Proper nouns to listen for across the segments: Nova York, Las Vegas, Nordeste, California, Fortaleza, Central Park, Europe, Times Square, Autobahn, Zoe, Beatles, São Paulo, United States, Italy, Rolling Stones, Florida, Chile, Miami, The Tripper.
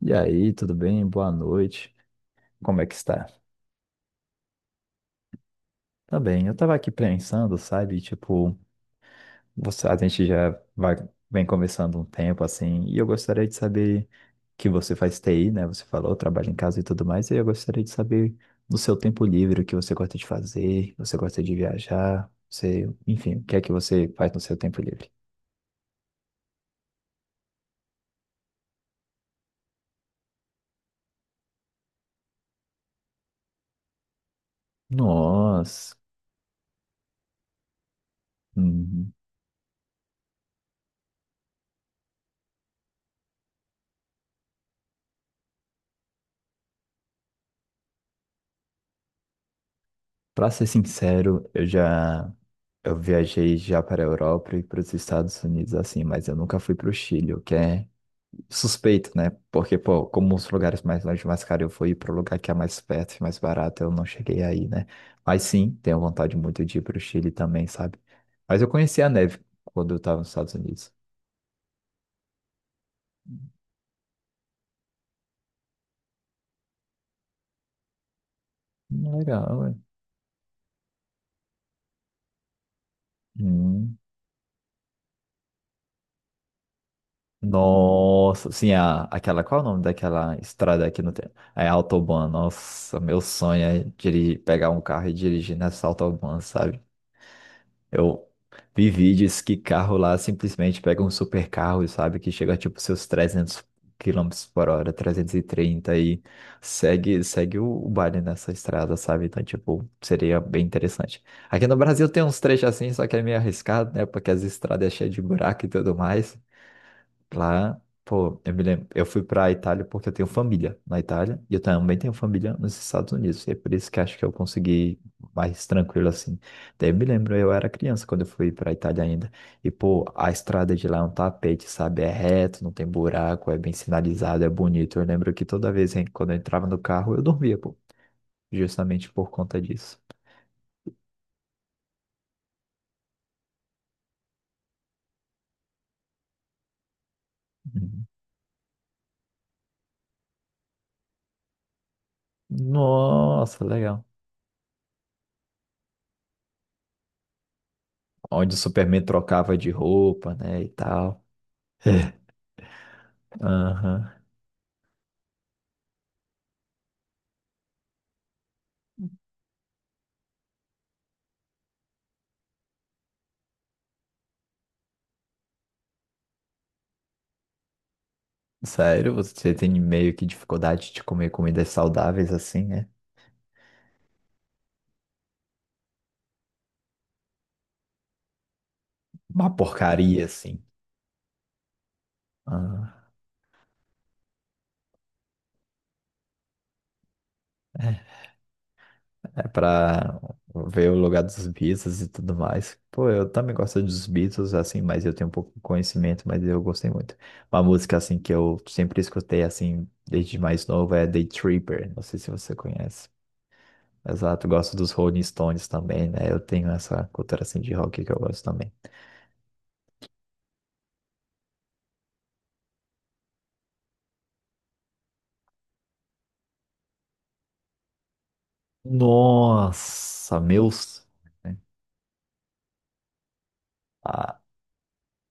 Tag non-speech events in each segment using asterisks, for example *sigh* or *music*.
E aí, tudo bem? Boa noite. Como é que está? Tá bem. Eu tava aqui pensando, sabe? Tipo, você, a gente já vai, vem conversando um tempo assim, e eu gostaria de saber que você faz TI, né? Você falou, trabalha em casa e tudo mais, e eu gostaria de saber no seu tempo livre o que você gosta de fazer, você gosta de viajar, você, enfim, o que é que você faz no seu tempo livre? Nossa. Pra ser sincero, eu viajei já para a Europa e para os Estados Unidos assim, mas eu nunca fui para o Chile, o que é suspeito, né? Porque, pô, como os lugares mais longe, mais caro eu fui para o lugar que é mais perto e mais barato, eu não cheguei aí, né? Mas sim, tenho vontade muito de ir para o Chile também, sabe? Mas eu conheci a neve quando eu estava nos Estados Unidos. Legal, ué. Hum. Nossa, sim, a, aquela, qual é o nome daquela estrada aqui no tempo? É Autobahn, nossa, meu sonho é dirigir, pegar um carro e dirigir nessa Autobahn, sabe? Eu vi vídeos que carro lá simplesmente pega um super carro, sabe? Que chega tipo seus 300 quilômetros por hora, 330 e trinta e segue, segue o baile nessa estrada, sabe? Então, tipo, seria bem interessante. Aqui no Brasil tem uns trechos assim, só que é meio arriscado, né? Porque as estradas é cheias de buraco e tudo mais. Lá, pô, eu me lembro, eu fui pra Itália porque eu tenho família na Itália e eu também tenho família nos Estados Unidos. E é por isso que acho que eu consegui mais tranquilo assim. Daí eu me lembro, eu era criança quando eu fui pra Itália ainda. E, pô, a estrada de lá é um tapete, sabe? É reto, não tem buraco, é bem sinalizado, é bonito. Eu lembro que toda vez, hein, quando eu entrava no carro, eu dormia, pô, justamente por conta disso. Uhum. Nossa, legal. Onde o Superman trocava de roupa, né, e tal. *laughs* Aham. Sério, você tem meio que dificuldade de comer comidas saudáveis assim, né? Uma porcaria assim. Ah, é é pra ver o lugar dos Beatles e tudo mais. Pô, eu também gosto dos Beatles assim, mas eu tenho um pouco de conhecimento, mas eu gostei muito. Uma música assim que eu sempre escutei assim desde mais novo é The Tripper. Não sei se você conhece. Exato, gosto dos Rolling Stones também, né? Eu tenho essa cultura assim de rock que eu gosto também. Nossa, meus. Né? Ah,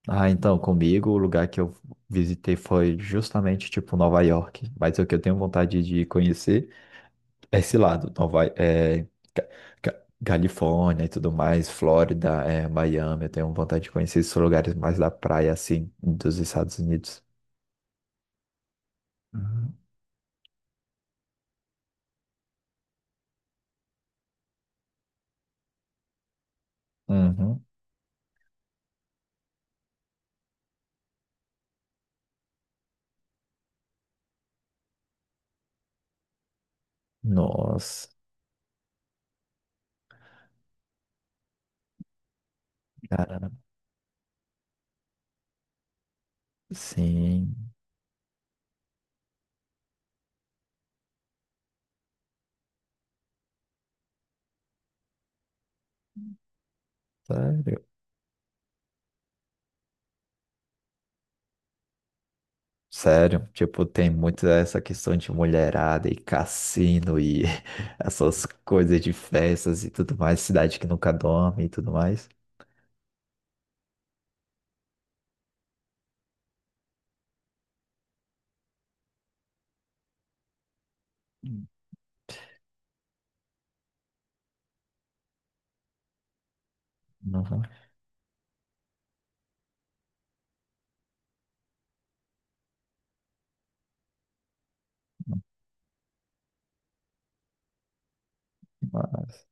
ah, então, comigo, o lugar que eu visitei foi justamente, tipo, Nova York. Mas o que eu tenho vontade de conhecer é esse lado, Nova, é, Ca- Califórnia e tudo mais, Flórida, é, Miami. Eu tenho vontade de conhecer esses lugares mais da praia, assim, dos Estados Unidos. Uhum. Uhum. Nossa, cara, sim. Sério. Sério, tipo, tem muito essa questão de mulherada e cassino e *laughs* essas coisas de festas e tudo mais, cidade que nunca dorme e tudo mais. Não, não, mas-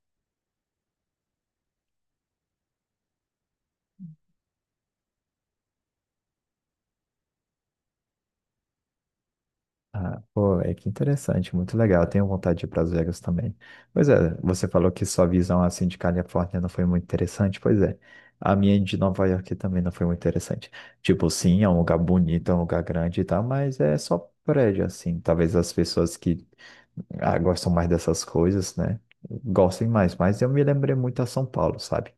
ah, pô, é que interessante, muito legal. Eu tenho vontade de ir para Las Vegas também. Pois é, você falou que sua visão assim de Califórnia não foi muito interessante. Pois é, a minha de Nova York também não foi muito interessante. Tipo, sim, é um lugar bonito, é um lugar grande e tal, mas é só prédio assim. Talvez as pessoas que ah, gostam mais dessas coisas, né? Gostem mais, mas eu me lembrei muito a São Paulo, sabe?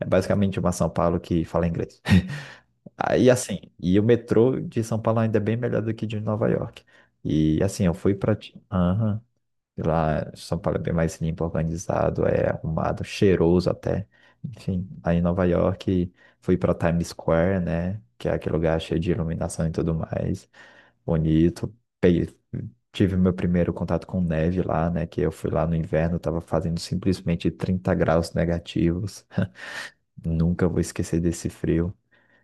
É basicamente uma São Paulo que fala inglês. *laughs* Aí assim, e o metrô de São Paulo ainda é bem melhor do que de Nova York. E assim, eu fui para lá, São Paulo é bem mais limpo, organizado, é arrumado, cheiroso até. Enfim, aí em Nova York fui para Times Square, né? Que é aquele lugar cheio de iluminação e tudo mais. Bonito. Peguei- tive meu primeiro contato com neve lá, né? Que eu fui lá no inverno, tava fazendo simplesmente 30 graus negativos. *laughs* Nunca vou esquecer desse frio.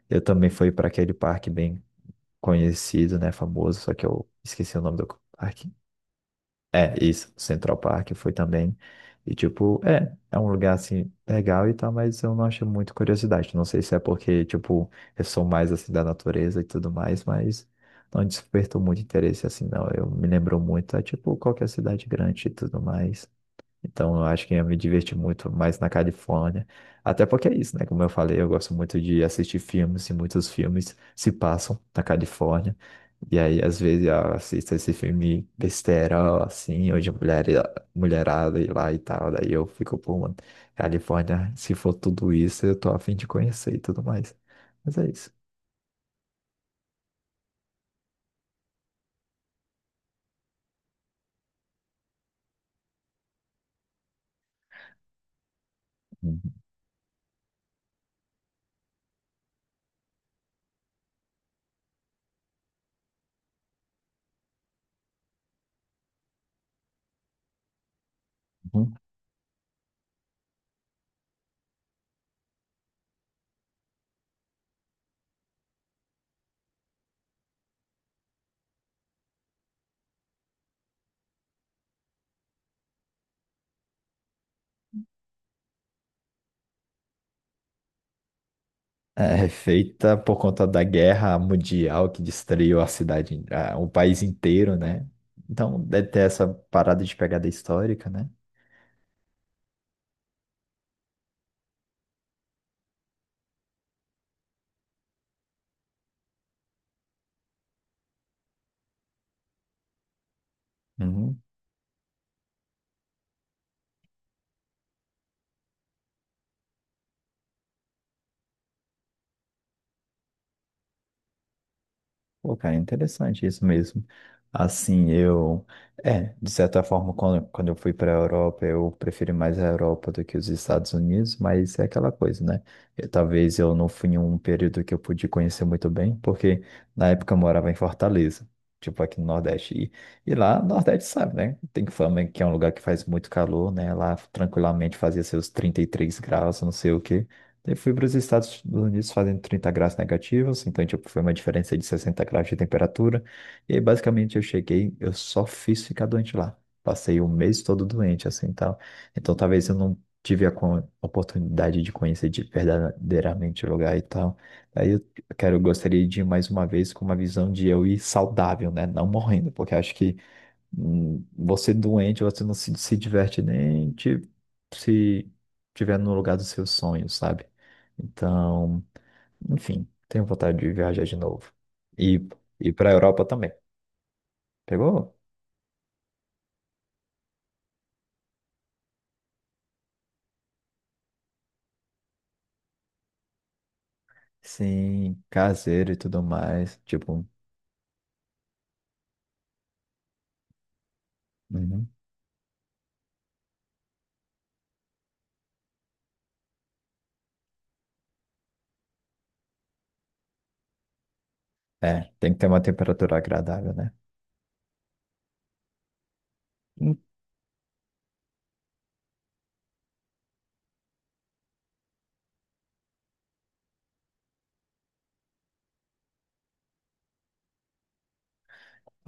Eu também fui para aquele parque bem conhecido, né? Famoso, só que eu esqueci o nome do parque. É, isso, Central Park foi também. E tipo, é, é um lugar assim legal e tal, mas eu não acho muito curiosidade. Não sei se é porque, tipo, eu sou mais assim da natureza e tudo mais, mas não despertou muito interesse assim, não. Eu me lembro muito, é tipo qualquer cidade grande e tudo mais. Então, eu acho que ia me divertir muito mais na Califórnia. Até porque é isso, né? Como eu falei, eu gosto muito de assistir filmes e muitos filmes se passam na Califórnia. E aí, às vezes, eu assisto esse filme besteira, assim, ou de mulher, mulherada e lá e tal. Daí eu fico, pô, mano, Califórnia, se for tudo isso, eu tô a fim de conhecer e tudo mais. Mas é isso. Uhum. É feita por conta da guerra mundial que destruiu a cidade, a- o país inteiro, né? Então, deve ter essa parada de pegada histórica, né? Uhum. Pô, cara, interessante isso mesmo. Assim, eu. É, de certa forma, quando eu fui para a Europa, eu preferi mais a Europa do que os Estados Unidos, mas é aquela coisa, né? Eu- talvez eu não fui em um período que eu pude conhecer muito bem, porque na época eu morava em Fortaleza, tipo aqui no Nordeste. E lá, no Nordeste, sabe, né? Tem fama que é um lugar que faz muito calor, né? Lá tranquilamente fazia seus 33 graus, não sei o quê. Eu fui para os Estados Unidos fazendo 30 graus negativos, então tipo, foi uma diferença de 60 graus de temperatura. E aí, basicamente eu cheguei, eu só fiz ficar doente lá. Passei o mês todo doente, assim, e tal. Então talvez eu não tive a co- oportunidade de conhecer de verdadeiramente o lugar e tal. Aí eu quero, gostaria de ir mais uma vez com uma visão de eu ir saudável, né? Não morrendo, porque acho que hum, você doente, você não se diverte nem te- se tiver no lugar dos seus sonhos, sabe? Então, enfim, tenho vontade de viajar de novo. E, e para a Europa também. Pegou? Sim, caseiro e tudo mais. Tipo, uhum. É, tem que ter uma temperatura agradável, né? Então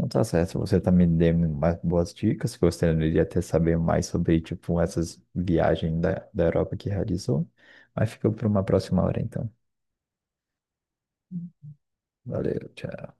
tá certo. Você também deu mais boas dicas. Gostaria de até saber mais sobre, tipo, essas viagens da Europa que realizou. Mas fica para uma próxima hora, então. Valeu, tchau.